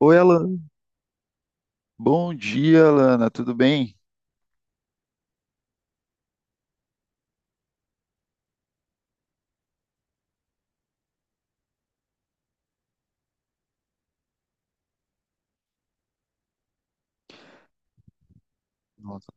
Oi, Alana. Bom dia, Alana. Tudo bem? Nossa.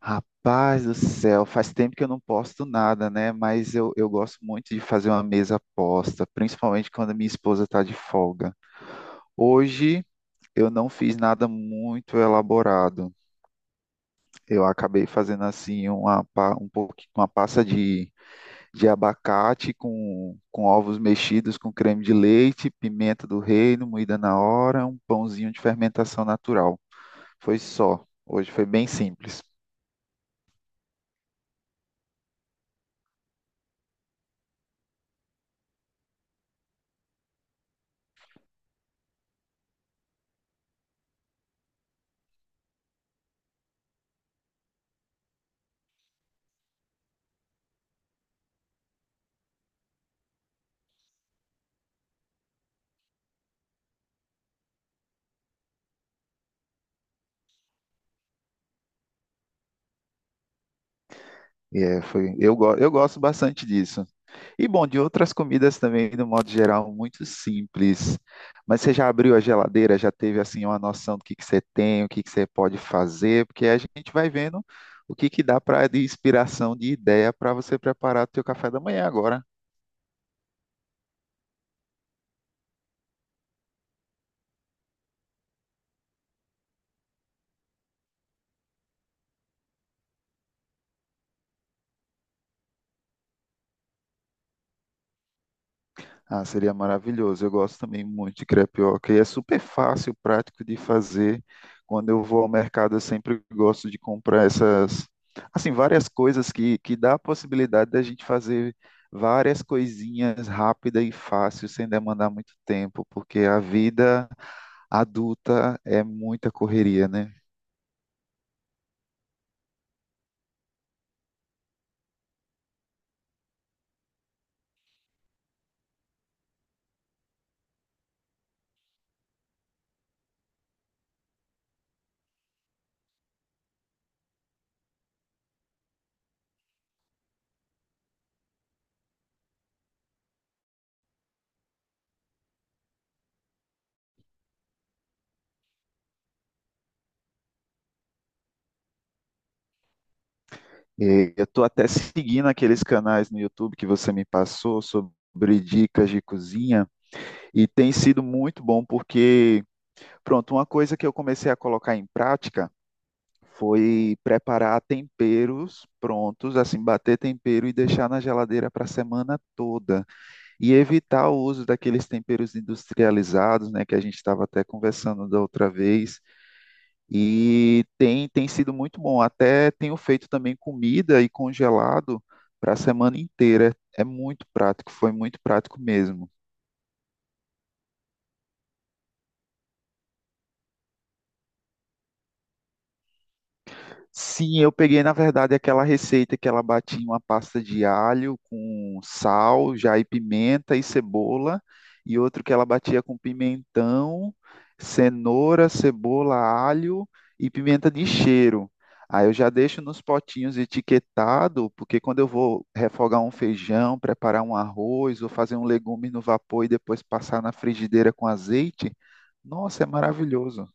Rapaz do céu, faz tempo que eu não posto nada, né? Mas eu gosto muito de fazer uma mesa posta, principalmente quando a minha esposa está de folga. Hoje eu não fiz nada muito elaborado. Eu acabei fazendo assim uma, pa- um pouqui- uma pasta de abacate com ovos mexidos com creme de leite, pimenta do reino, moída na hora, um pãozinho de fermentação natural. Foi só. Hoje foi bem simples. Eu gosto bastante disso. E bom, de outras comidas também, no modo geral, muito simples. Mas você já abriu a geladeira, já teve assim uma noção do que você tem, o que que você pode fazer, porque a gente vai vendo o que que dá para de inspiração, de ideia para você preparar o seu café da manhã agora. Ah, seria maravilhoso. Eu gosto também muito de crepioca e é super fácil, prático de fazer. Quando eu vou ao mercado, eu sempre gosto de comprar essas, assim, várias coisas que dá a possibilidade da gente fazer várias coisinhas rápida e fácil, sem demandar muito tempo, porque a vida adulta é muita correria, né? E eu estou até seguindo aqueles canais no YouTube que você me passou sobre dicas de cozinha. E tem sido muito bom porque pronto, uma coisa que eu comecei a colocar em prática foi preparar temperos prontos, assim, bater tempero e deixar na geladeira para a semana toda. E evitar o uso daqueles temperos industrializados, né, que a gente estava até conversando da outra vez. E tem sido muito bom. Até tenho feito também comida e congelado para a semana inteira. É muito prático, foi muito prático mesmo. Sim, eu peguei, na verdade, aquela receita que ela batia uma pasta de alho com sal, já e pimenta e cebola, e outro que ela batia com pimentão, cenoura, cebola, alho e pimenta de cheiro. Aí eu já deixo nos potinhos etiquetado, porque quando eu vou refogar um feijão, preparar um arroz ou fazer um legume no vapor e depois passar na frigideira com azeite, nossa, é maravilhoso.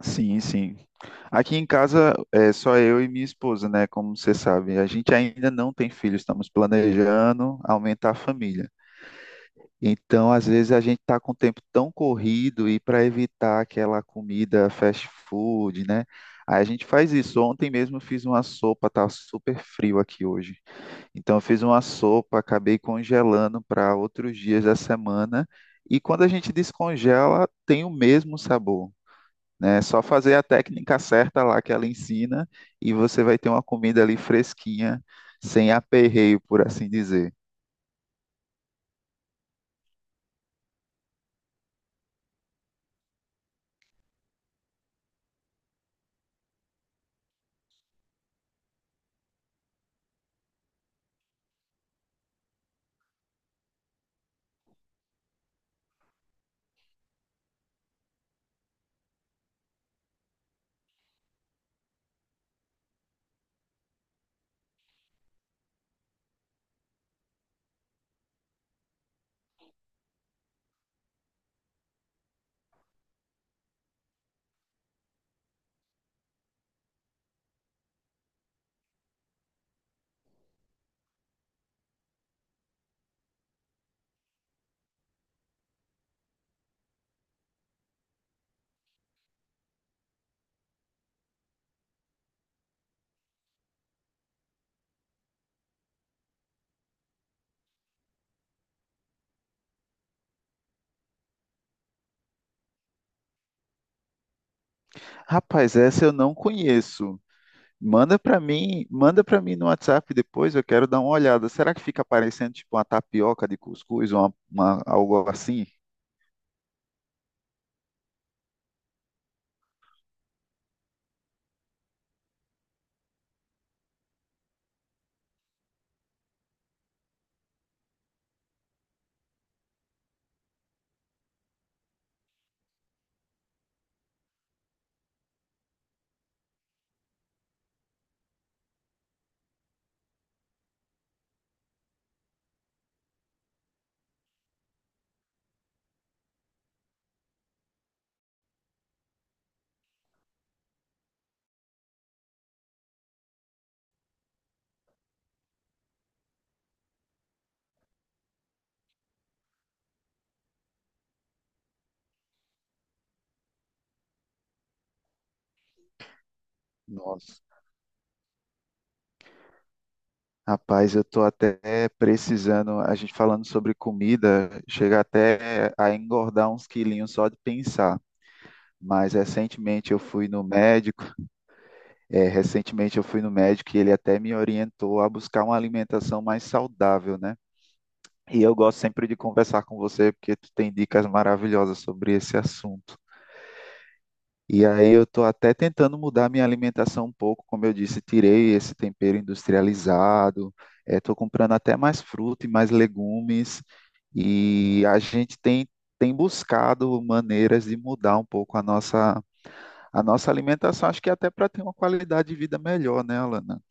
Sim, sim. Aqui em casa é só eu e minha esposa, né? Como você sabe, a gente ainda não tem filho, estamos planejando aumentar a família. Então, às vezes a gente está com o tempo tão corrido e para evitar aquela comida fast food, né? Aí a gente faz isso. Ontem mesmo eu fiz uma sopa, tá super frio aqui hoje. Então, eu fiz uma sopa, acabei congelando para outros dias da semana. E quando a gente descongela, tem o mesmo sabor, né? É só fazer a técnica certa lá que ela ensina e você vai ter uma comida ali fresquinha, sem aperreio, por assim dizer. Rapaz, essa eu não conheço. Manda para mim no WhatsApp depois, eu quero dar uma olhada. Será que fica parecendo tipo uma tapioca de cuscuz ou algo assim? Nossa. Rapaz, eu tô até precisando, a gente falando sobre comida, chega até a engordar uns quilinhos só de pensar. Mas recentemente eu fui no médico Recentemente eu fui no médico e ele até me orientou a buscar uma alimentação mais saudável, né? E eu gosto sempre de conversar com você porque tu tem dicas maravilhosas sobre esse assunto. E aí eu estou até tentando mudar minha alimentação um pouco, como eu disse, tirei esse tempero industrializado, estou comprando até mais fruta e mais legumes, e tem buscado maneiras de mudar um pouco a nossa alimentação, acho que até para ter uma qualidade de vida melhor, né, Alana?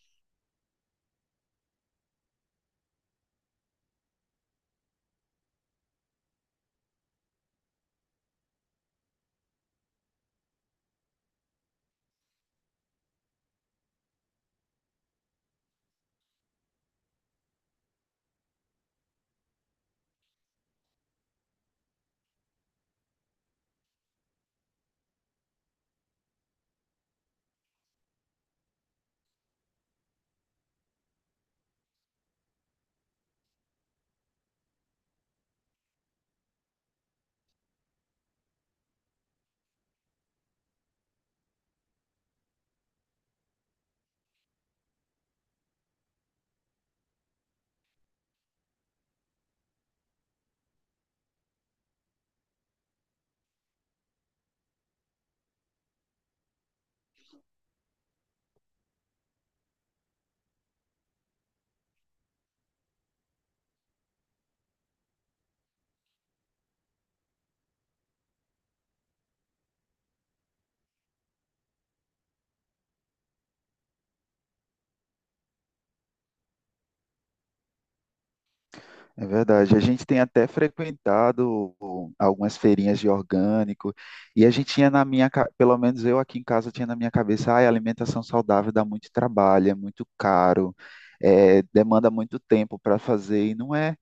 É verdade. A gente tem até frequentado algumas feirinhas de orgânico e a gente tinha na minha, ca- pelo menos eu aqui em casa tinha na minha cabeça, ah, alimentação saudável dá muito trabalho, é muito caro, é, demanda muito tempo para fazer e não é.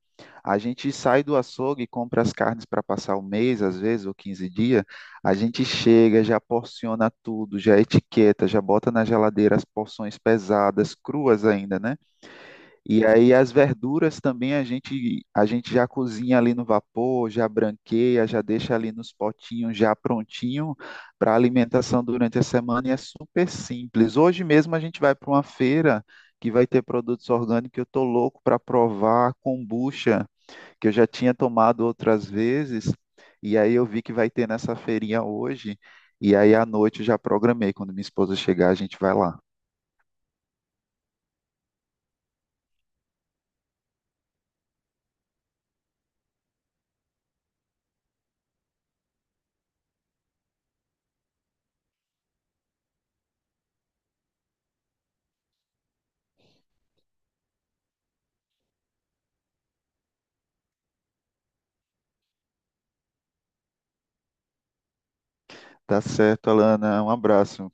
A gente sai do açougue e compra as carnes para passar o mês, às vezes, ou 15 dias. A gente chega, já porciona tudo, já etiqueta, já bota na geladeira as porções pesadas, cruas ainda, né? E aí as verduras também a gente já cozinha ali no vapor, já branqueia, já deixa ali nos potinhos já prontinho para alimentação durante a semana e é super simples. Hoje mesmo a gente vai para uma feira que vai ter produtos orgânicos, eu tô louco para provar a kombucha, que eu já tinha tomado outras vezes, e aí eu vi que vai ter nessa feirinha hoje, e aí à noite eu já programei, quando minha esposa chegar a gente vai lá. Tá certo, Alana, um abraço.